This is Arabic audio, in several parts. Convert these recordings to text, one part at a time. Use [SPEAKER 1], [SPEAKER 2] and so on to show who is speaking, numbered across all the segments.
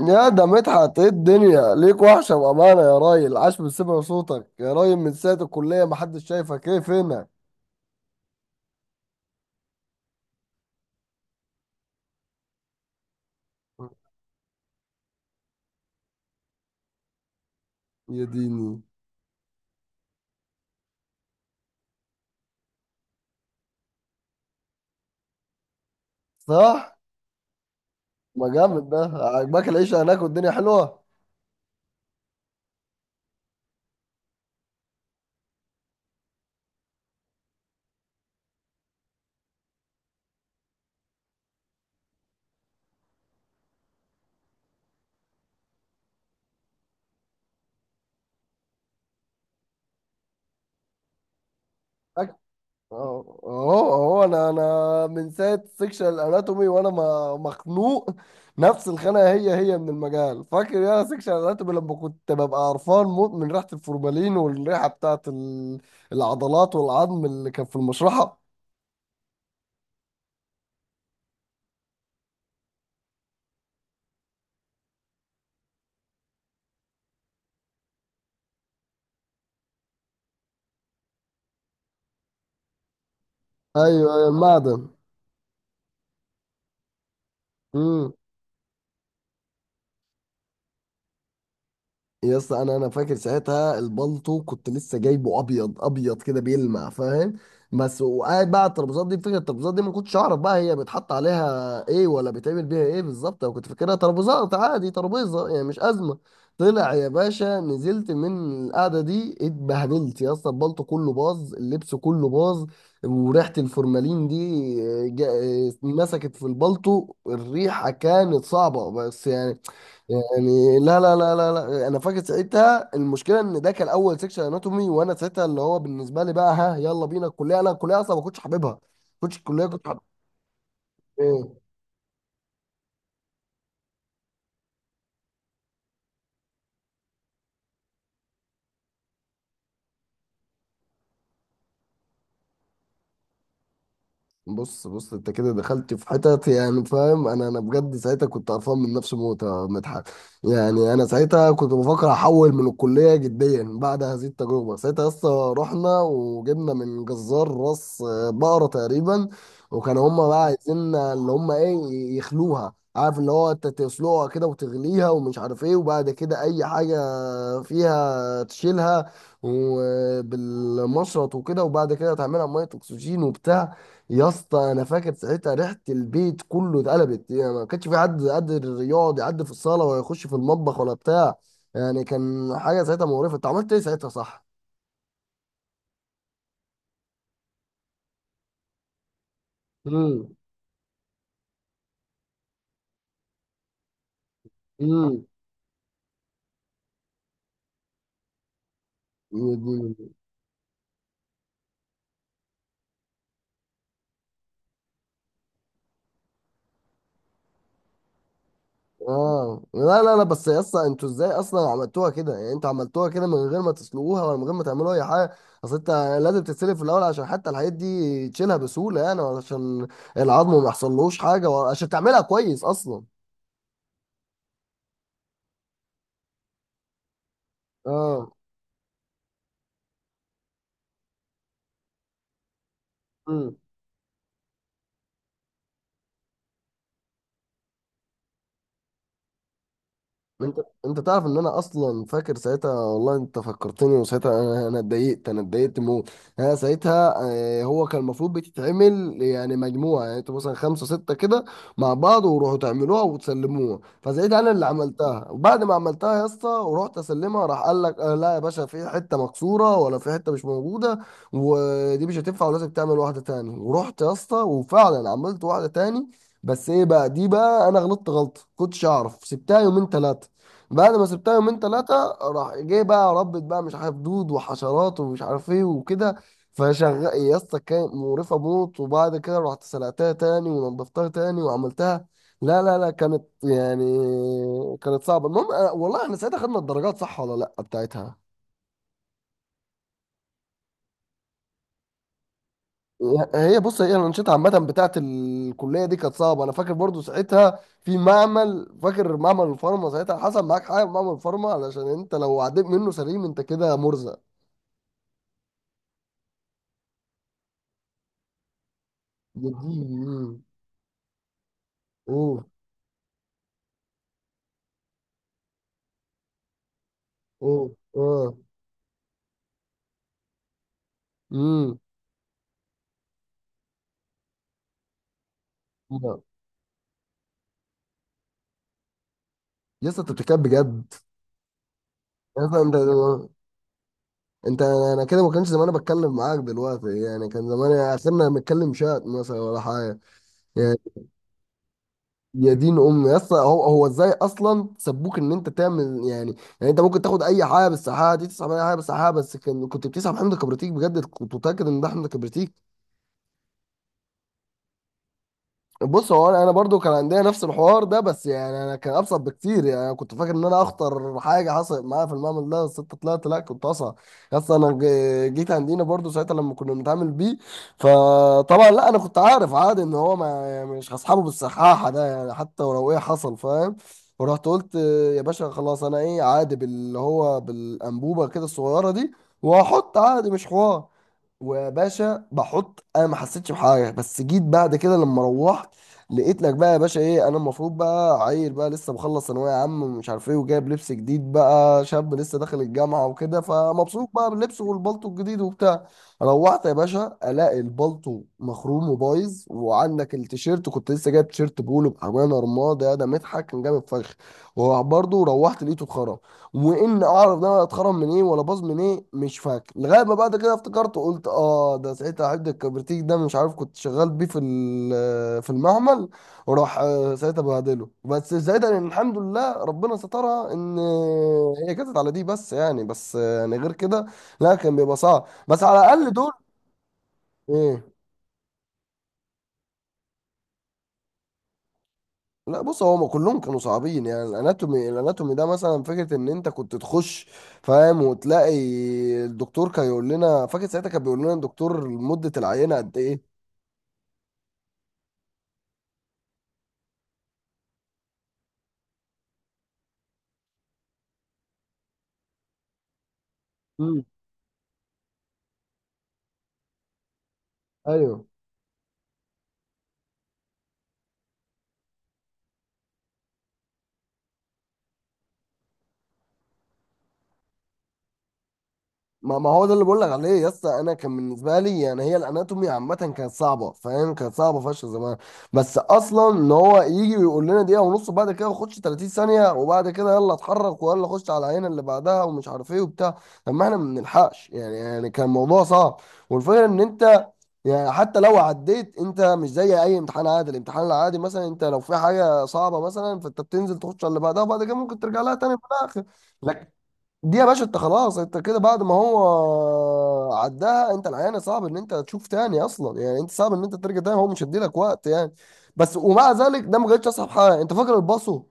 [SPEAKER 1] يا ده مدحت، ايه الدنيا ليك وحشة بأمانة يا راجل. عاش من سمع صوتك يا راجل، من ساعة الكلية محدش شايفك، ايه فينك؟ يا ديني. صح. ما جامد، ده عجباك العيشة هناك والدنيا حلوة؟ أك- اهو انا من ساعة سيكشن الاناتومي وانا مخنوق. نفس الخناقة هي هي من المجال. فاكر يا سيكشن الاناتومي لما كنت ببقى قرفان موت من ريحة الفورمالين والريحة بتاعت العضلات والعظم اللي كان في المشرحة. ايوه. أيوة، المعدن. امم يا اسطى، انا فاكر ساعتها البلطو كنت لسه جايبه ابيض ابيض كده بيلمع، فاهم؟ بس وقاعد بقى على الترابيزات دي، فكره الترابيزات دي ما كنتش اعرف بقى هي بيتحط عليها ايه ولا بيتعمل بيها ايه بالظبط، انا كنت فاكرها ترابيزات عادي، ترابيزه يعني مش ازمه. طلع يا باشا نزلت من القعده دي اتبهدلت يا اسطى، البلطو كله باظ، اللبس كله باظ، وريحه الفورمالين دي. مسكت في البلطو الريحه كانت صعبه بس يعني. يعني لا لا لا لا لا، انا فاكر ساعتها المشكله ان ده كان اول سيكشن اناتومي، وانا ساعتها اللي هو بالنسبه لي بقى ها يلا بينا الكليه، انا الكليه اصلا ما كنتش حاببها، ما كنتش الكليه كنت حابب إيه. بص بص، انت كده دخلت في حتت يعني، فاهم؟ انا بجد ساعتها كنت قرفان من نفسي موت يا مدحت. يعني انا ساعتها كنت بفكر احول من الكليه جديا بعد هذه التجربه. ساعتها اصلا رحنا وجبنا من جزار راس بقره تقريبا، وكانوا هم بقى عايزين اللي هم ايه، يخلوها عارف اللي هو انت تسلقها كده وتغليها ومش عارف ايه، وبعد كده اي حاجه فيها تشيلها وبالمشرط وكده، وبعد كده تعملها ميه اكسجين وبتاع. يا اسطى انا فاكر ساعتها ريحه البيت كله اتقلبت، يعني ما كانش في حد قادر يقعد يعدي في الصاله ولا يخش في المطبخ ولا بتاع. يعني كان حاجه ساعتها مقرفه. انت عملت ايه ساعتها صح؟ امم امم اه لا لا لا، بس يا اسطى انتوا ازاي اصلا عملتوها كده؟ يعني انتوا عملتوها كده من غير ما تسلقوها ولا من غير ما تعملوا اي حاجه؟ اصل انت لازم تتسلق في الاول عشان حتى الحاجات دي تشيلها بسهوله يعني، وعشان العظم ما يحصلوش حاجه وعشان تعملها كويس اصلا. اه. انت انت تعرف ان انا اصلا فاكر ساعتها، والله انت فكرتني، وساعتها انا اتضايقت، انا اتضايقت موت. انا ساعتها هو كان المفروض بتتعمل يعني مجموعه، يعني انتوا مثلا خمسه سته كده مع بعض وروحوا تعملوها وتسلموها، فساعتها انا اللي عملتها، وبعد ما عملتها يا اسطى ورحت اسلمها، راح قال لك آه لا يا باشا، في حته مكسوره ولا في حته مش موجوده ودي مش هتنفع ولازم تعمل واحده تاني، ورحت يا اسطى وفعلا عملت واحده تاني. بس ايه بقى، دي بقى انا غلطت غلطه كنتش اعرف، سبتها يومين ثلاثه. بعد ما سبتها يومين تلاتة، راح جاي بقى ربت بقى مش عارف دود وحشرات ومش عارف ايه وكده. فشغل يا اسطى كانت مقرفة موت، وبعد كده رحت سلقتها تاني ونضفتها تاني وعملتها. لا لا لا، كانت يعني كانت صعبة. المهم والله احنا ساعتها خدنا الدرجات صح ولا لا بتاعتها. هي بص، هي الانشطه عامه بتاعت الكليه دي كانت صعبه. انا فاكر برضو ساعتها في معمل، فاكر معمل الفارما ساعتها حصل معاك حاجه في معمل الفارما؟ علشان انت لو عديت منه سليم انت كده مرزق. يديني مين. اوه اوه. اه. امم يا اسطى انت بتتكلم بجد؟ يا اسطى انت، انت انا كده ما كانش زمان بتكلم معاك دلوقتي، يعني كان زمان اخرنا بنتكلم شات مثلا ولا حاجه يعني. يا دين ام يا اسطى، هو هو ازاي اصلا سبوك ان انت تعمل يعني؟ يعني انت ممكن تاخد اي حاجه بالسحابه دي، تسحب اي حاجه بالسحابه، بس كان كنت بتسحب حمض كبريتيك بجد، كنت متاكد ان ده حمض كبريتيك؟ بص هو انا برضو كان عندنا نفس الحوار ده، بس يعني انا كان ابسط بكتير. يعني انا كنت فاكر ان انا اخطر حاجه حصلت معايا في المعمل ده، بس انت طلعت لا كنت اصعب. اصلا انا جيت عندنا برضو ساعتها لما كنا بنتعامل بيه، فطبعا لا انا كنت عارف عادي ان هو ما يعني مش هصحابه بالسحاحه ده يعني حتى ولو ايه حصل، فاهم؟ ورحت قلت يا باشا خلاص، انا ايه عادي باللي هو بالانبوبه كده الصغيره دي، وهحط عادي مش حوار. وباشا بحط انا ما حسيتش بحاجه، بس جيت بعد كده لما روحت لقيت لك بقى يا باشا ايه. انا المفروض بقى عيل بقى لسه مخلص ثانويه عامه ومش عارف ايه، وجايب لبس جديد بقى، شاب لسه داخل الجامعه وكده، فمبسوط بقى باللبس والبلطو الجديد وبتاع. روحت يا باشا الاقي البلطو مخروم وبايظ، وعندك التيشيرت كنت لسه جايب تيشيرت بولو بامانه رماد، يا ده مضحك كان جامد فشخ. وبرضه روحت لقيته اتخرم، وان اعرف ده انا اتخرم من ايه ولا باظ من ايه مش فاكر، لغايه ما بعد كده افتكرت وقلت اه ده ساعتها حد الكبرتيك ده مش عارف كنت شغال بيه في في المعمل. وراح ساعتها بهدله، بس ساعتها يعني الحمد لله ربنا سترها ان هي جت على دي بس. يعني بس يعني غير كده لا كان بيبقى صعب، بس على الاقل دول. ايه. لا بص، هو كلهم كانوا صعبين يعني، الاناتومي، الاناتومي ده مثلا فكره ان انت كنت تخش، فاهم، وتلاقي الدكتور كان يقول لنا، فاكر ساعتها كان بيقول لنا الدكتور، مده العينه قد ايه؟ امم ايوه. ما ما هو ده اللي بقول لك عليه يا اسطى، انا كان بالنسبه لي يعني هي الاناتومي عامه كانت صعبه فاهم، كانت صعبه فشخ زمان. بس اصلا ان هو يجي ويقول لنا دقيقه ونص، وبعد كده خش 30 ثانيه، وبعد كده يلا اتحرك ويلا خش على العينه اللي بعدها ومش عارف ايه وبتاع. طب ما احنا ما بنلحقش يعني، يعني كان الموضوع صعب. والفكره ان انت يعني حتى لو عديت انت، مش زي اي امتحان عادي. الامتحان العادي مثلا انت لو في حاجه صعبه مثلا فانت بتنزل تخش على اللي بعدها، وبعد كده ممكن ترجع لها تاني في الاخر. دي يا باشا انت خلاص، انت كده بعد ما هو عداها انت العيان صعب ان انت تشوف تاني اصلا، يعني انت صعب ان انت ترجع تاني، هو مش هيديلك وقت يعني. بس ومع ذلك ده ما كانتش اصعب حاجه. انت فاكر الباصو؟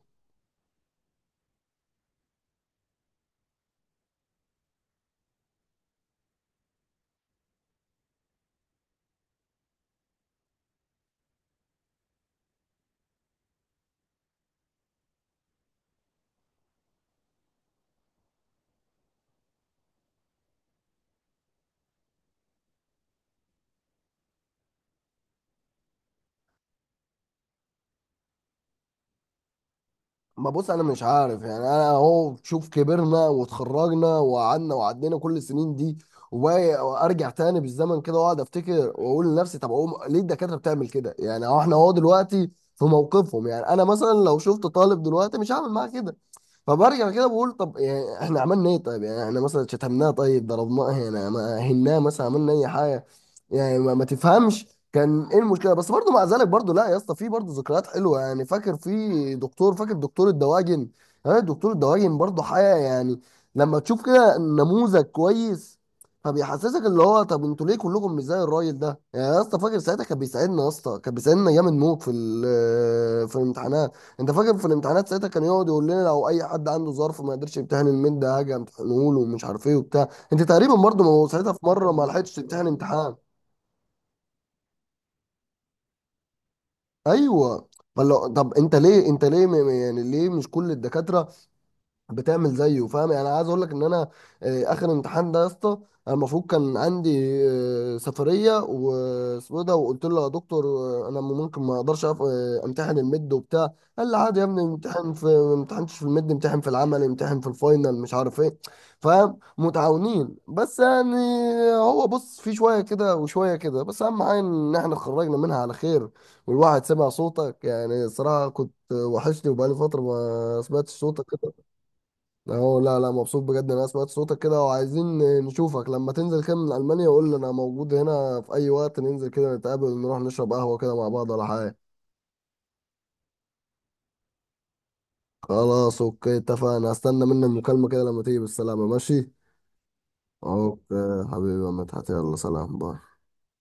[SPEAKER 1] ما بص انا مش عارف يعني، انا اهو شوف كبرنا وتخرجنا وقعدنا وعدينا كل السنين دي، وارجع تاني بالزمن كده واقعد افتكر واقول لنفسي طب اقوم ليه الدكاتره بتعمل كده يعني، اهو احنا اهو دلوقتي في موقفهم. يعني انا مثلا لو شفت طالب دلوقتي مش هعمل معاه كده. فبرجع كده بقول طب يعني احنا عملنا ايه؟ طيب يعني احنا مثلا شتمناه؟ طيب ضربناه؟ يعني ما هناه مثلا؟ عملنا اي حاجه؟ يعني ما تفهمش كان ايه المشكله. بس برضه مع ذلك برضه لا يا اسطى، في برضه ذكريات حلوه. يعني فاكر في دكتور، فاكر دكتور الدواجن؟ ها دكتور الدواجن برضه حاجه يعني، لما تشوف كده نموذج كويس، فبيحسسك اللي هو طب انتوا ليه كلكم مش زي الراجل ده يعني؟ يا اسطى فاكر ساعتها كان بيساعدنا، يا اسطى كان بيساعدنا جامد موت في في الامتحانات. انت فاكر في الامتحانات ساعتها كان يقعد يقول لنا لو اي حد عنده ظرف ما يقدرش يمتحن الميد ده هاجي امتحنه له ومش عارف ايه وبتاع. انت تقريبا برضه ما هو ساعتها في مره ما لحقتش تمتحن امتحان. ايوه. فلو طب انت ليه، انت ليه يعني ليه مش كل الدكاتره بتعمل زيه، فاهم؟ يعني عايز اقول لك ان انا اخر امتحان ده يا اسطى، انا المفروض كان عندي سفريه واسمه إيه ده، وقلت له يا دكتور انا ممكن ما اقدرش امتحن الميد وبتاع. قال لي عادي يا ابني، امتحن في ما امتحنش في الميد، امتحن في العمل، امتحن في الفاينل مش عارف ايه. فاهم متعاونين بس يعني. هو بص في شويه كده وشويه كده، بس اهم حاجه ان احنا خرجنا منها على خير، والواحد سمع صوتك يعني. الصراحه كنت وحشني وبقالي فتره ما سمعتش صوتك. اهو لا لا مبسوط بجد إن انا سمعت صوتك كده، وعايزين نشوفك لما تنزل كده من المانيا. قول لي، انا موجود هنا في اي وقت ننزل كده نتقابل نروح نشرب قهوة كده مع بعض ولا حاجة. خلاص اوكي، اتفقنا، هستنى منك المكالمة كده لما تيجي بالسلامة، ماشي. اوكي حبيبي يا مدحت، يلا سلام، باي.